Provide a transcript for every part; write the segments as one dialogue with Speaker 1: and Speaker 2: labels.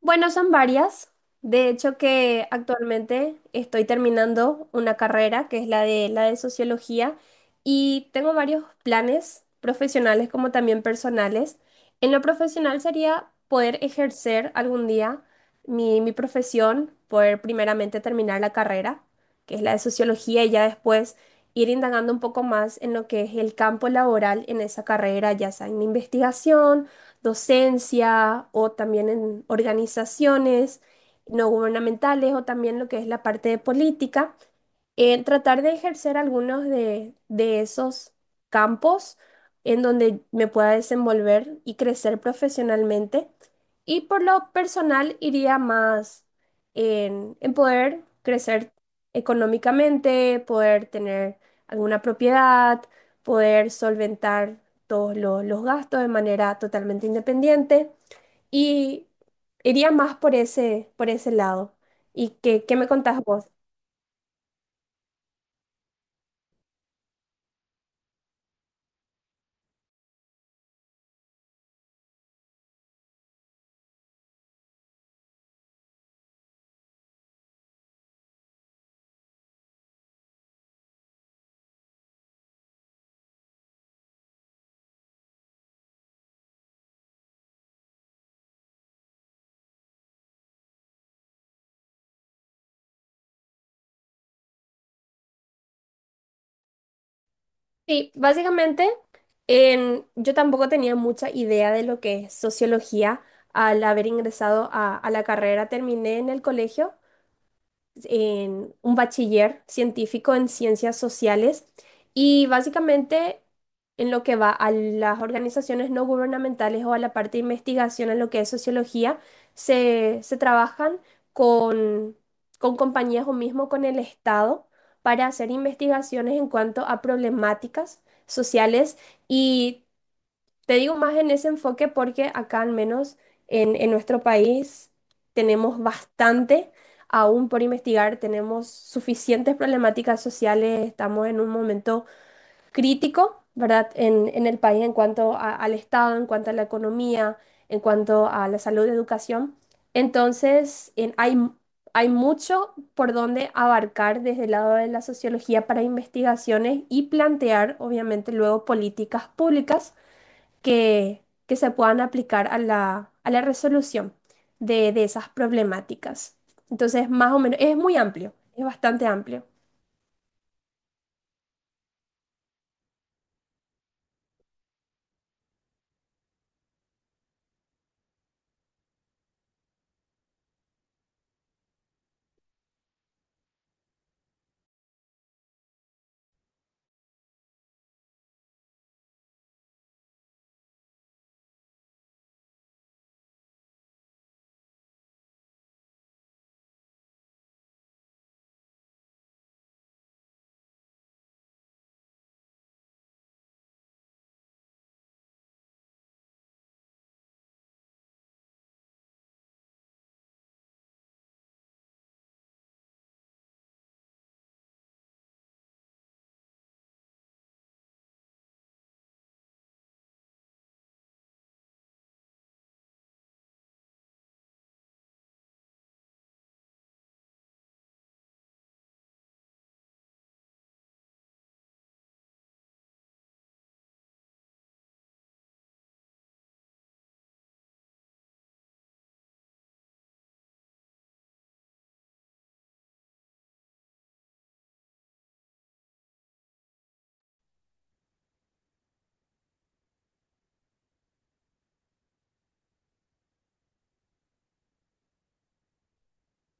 Speaker 1: Bueno, son varias. De hecho, que actualmente estoy terminando una carrera que es la de sociología y tengo varios planes profesionales como también personales. En lo profesional sería poder ejercer algún día mi profesión, poder primeramente terminar la carrera, que es la de sociología, y ya después ir indagando un poco más en lo que es el campo laboral en esa carrera, ya sea en investigación docencia o también en organizaciones no gubernamentales o también lo que es la parte de política en tratar de ejercer algunos de esos campos en donde me pueda desenvolver y crecer profesionalmente. Y por lo personal iría más en poder crecer económicamente, poder tener alguna propiedad, poder solventar los gastos de manera totalmente independiente. Y iría más por ese lado. ¿Y qué me contás vos? Sí, básicamente yo tampoco tenía mucha idea de lo que es sociología al haber ingresado a la carrera. Terminé en el colegio en un bachiller científico en ciencias sociales y básicamente en lo que va a las organizaciones no gubernamentales o a la parte de investigación en lo que es sociología, se trabajan con, con compañías o mismo con el Estado para hacer investigaciones en cuanto a problemáticas sociales. Y te digo más en ese enfoque porque acá al menos en nuestro país tenemos bastante aún por investigar, tenemos suficientes problemáticas sociales, estamos en un momento crítico, ¿verdad? En el país en cuanto al Estado, en cuanto a la economía, en cuanto a la salud y educación. Entonces, hay mucho por donde abarcar desde el lado de la sociología para investigaciones y plantear, obviamente, luego políticas públicas que se puedan aplicar a a la resolución de esas problemáticas. Entonces, más o menos, es muy amplio, es bastante amplio.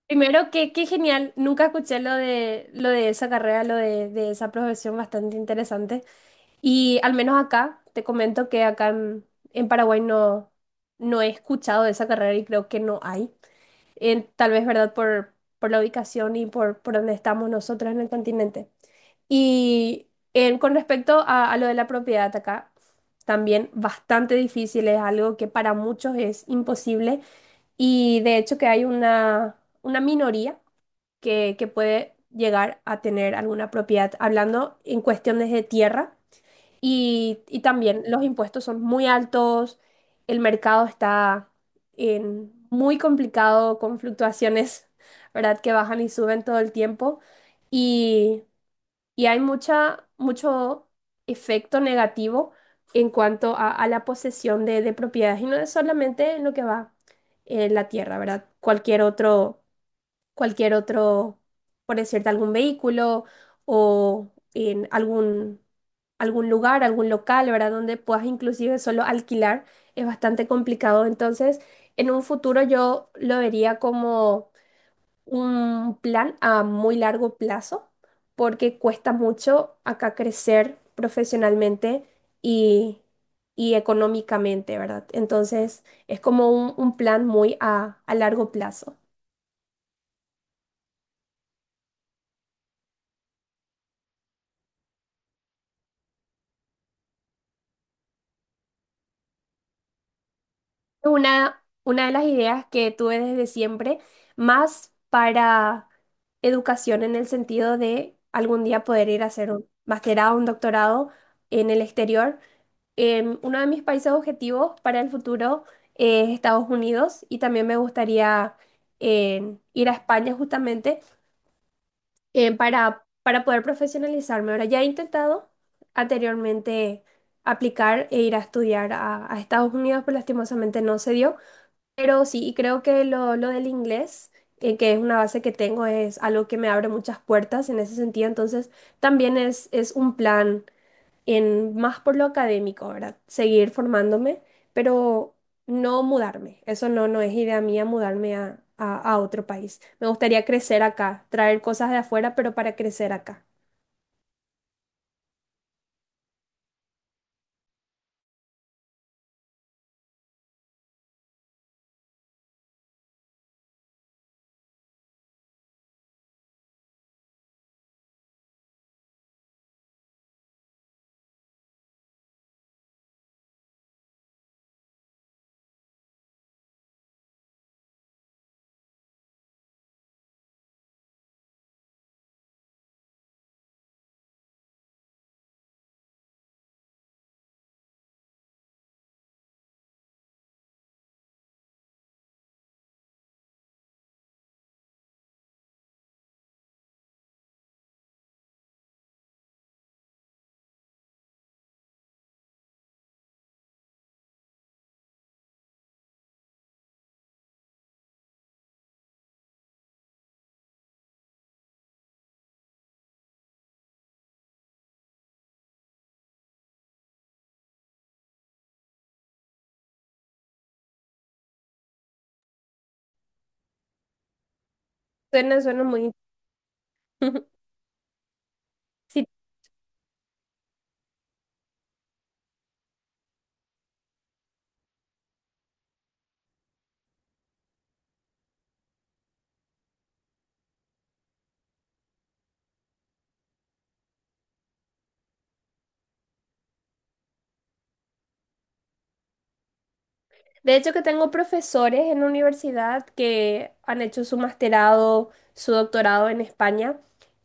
Speaker 1: Primero, que qué genial, nunca escuché lo de esa carrera, de esa profesión bastante interesante. Y al menos acá, te comento que acá en Paraguay no he escuchado de esa carrera y creo que no hay. Tal vez, ¿verdad? Por la ubicación y por donde estamos nosotros en el continente. Y con respecto a lo de la propiedad acá, también bastante difícil, es algo que para muchos es imposible, y de hecho que hay una minoría que puede llegar a tener alguna propiedad, hablando en cuestiones de tierra, y también los impuestos son muy altos, el mercado está en muy complicado con fluctuaciones, ¿verdad? Que bajan y suben todo el tiempo. Y hay mucho efecto negativo en cuanto a la posesión de propiedades. Y no es solamente en lo que va en la tierra, ¿verdad? Cualquier otro, por decirte, algún vehículo o en algún lugar, algún local, ¿verdad? Donde puedas inclusive solo alquilar, es bastante complicado. Entonces, en un futuro yo lo vería como un plan a muy largo plazo porque cuesta mucho acá crecer profesionalmente y, y económicamente, ¿verdad? Entonces es como un plan muy a largo plazo. Una de las ideas que tuve desde siempre, más para educación en el sentido de algún día poder ir a hacer un masterado, un doctorado en el exterior. Uno de mis países objetivos para el futuro es Estados Unidos y también me gustaría ir a España justamente, para poder profesionalizarme. Ahora ya he intentado anteriormente aplicar e ir a estudiar a Estados Unidos, pero lastimosamente no se dio. Pero sí, y creo que lo del inglés, que es una base que tengo, es algo que me abre muchas puertas en ese sentido. Entonces, también es un plan en más por lo académico, ¿verdad? Seguir formándome, pero no mudarme. Eso no es idea mía mudarme a otro país. Me gustaría crecer acá, traer cosas de afuera, pero para crecer acá. Suena muy... Si De hecho, que tengo profesores en la universidad que han hecho su masterado, su doctorado en España.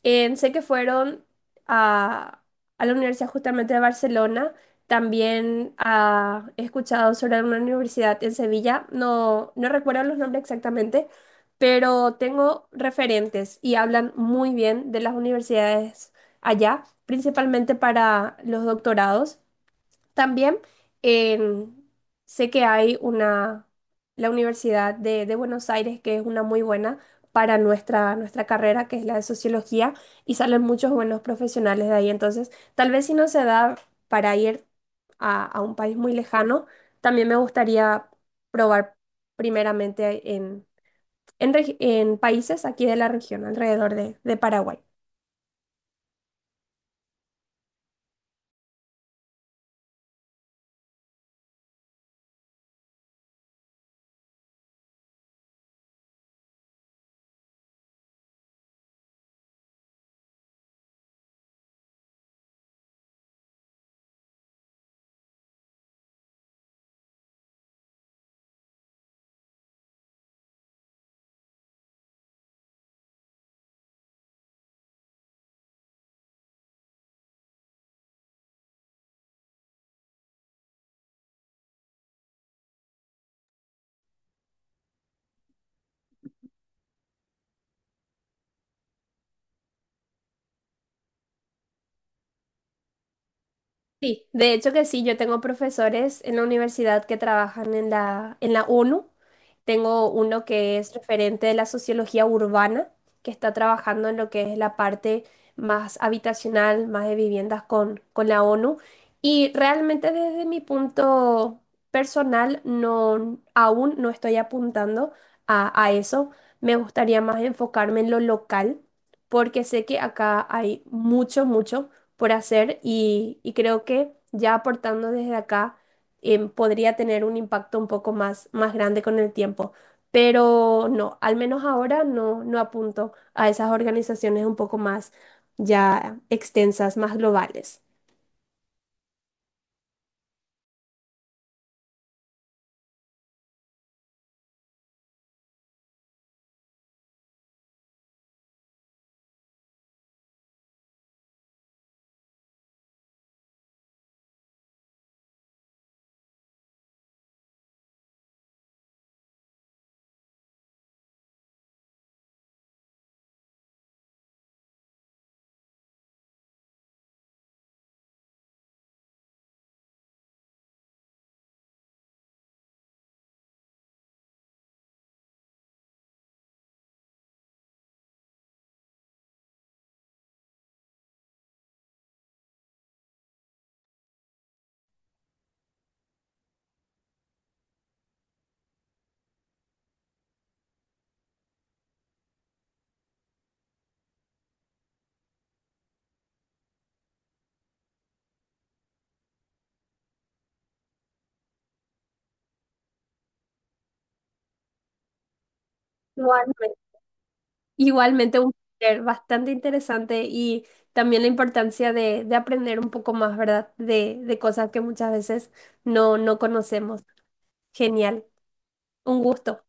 Speaker 1: Sé que fueron a, a la Universidad justamente de Barcelona. También he escuchado sobre una universidad en Sevilla. No recuerdo los nombres exactamente, pero tengo referentes y hablan muy bien de las universidades allá, principalmente para los doctorados. También en- sé que hay una, la Universidad de Buenos Aires, que es una muy buena para nuestra carrera, que es la de sociología, y salen muchos buenos profesionales de ahí. Entonces, tal vez si no se da para ir a un país muy lejano, también me gustaría probar primeramente en países aquí de la región, alrededor de Paraguay. Sí, de hecho que sí, yo tengo profesores en la universidad que trabajan en en la ONU. Tengo uno que es referente de la sociología urbana, que está trabajando en lo que es la parte más habitacional, más de viviendas con la ONU. Y realmente desde mi punto personal, no, aún no estoy apuntando a eso. Me gustaría más enfocarme en lo local, porque sé que acá hay mucho por hacer, y creo que ya aportando desde acá podría tener un impacto un poco más, más grande con el tiempo. Pero no, al menos ahora no, no apunto a esas organizaciones un poco más ya extensas, más globales. Igualmente, igualmente un placer, bastante interesante, y también la importancia de aprender un poco más, ¿verdad? De cosas que muchas veces no conocemos. Genial, un gusto.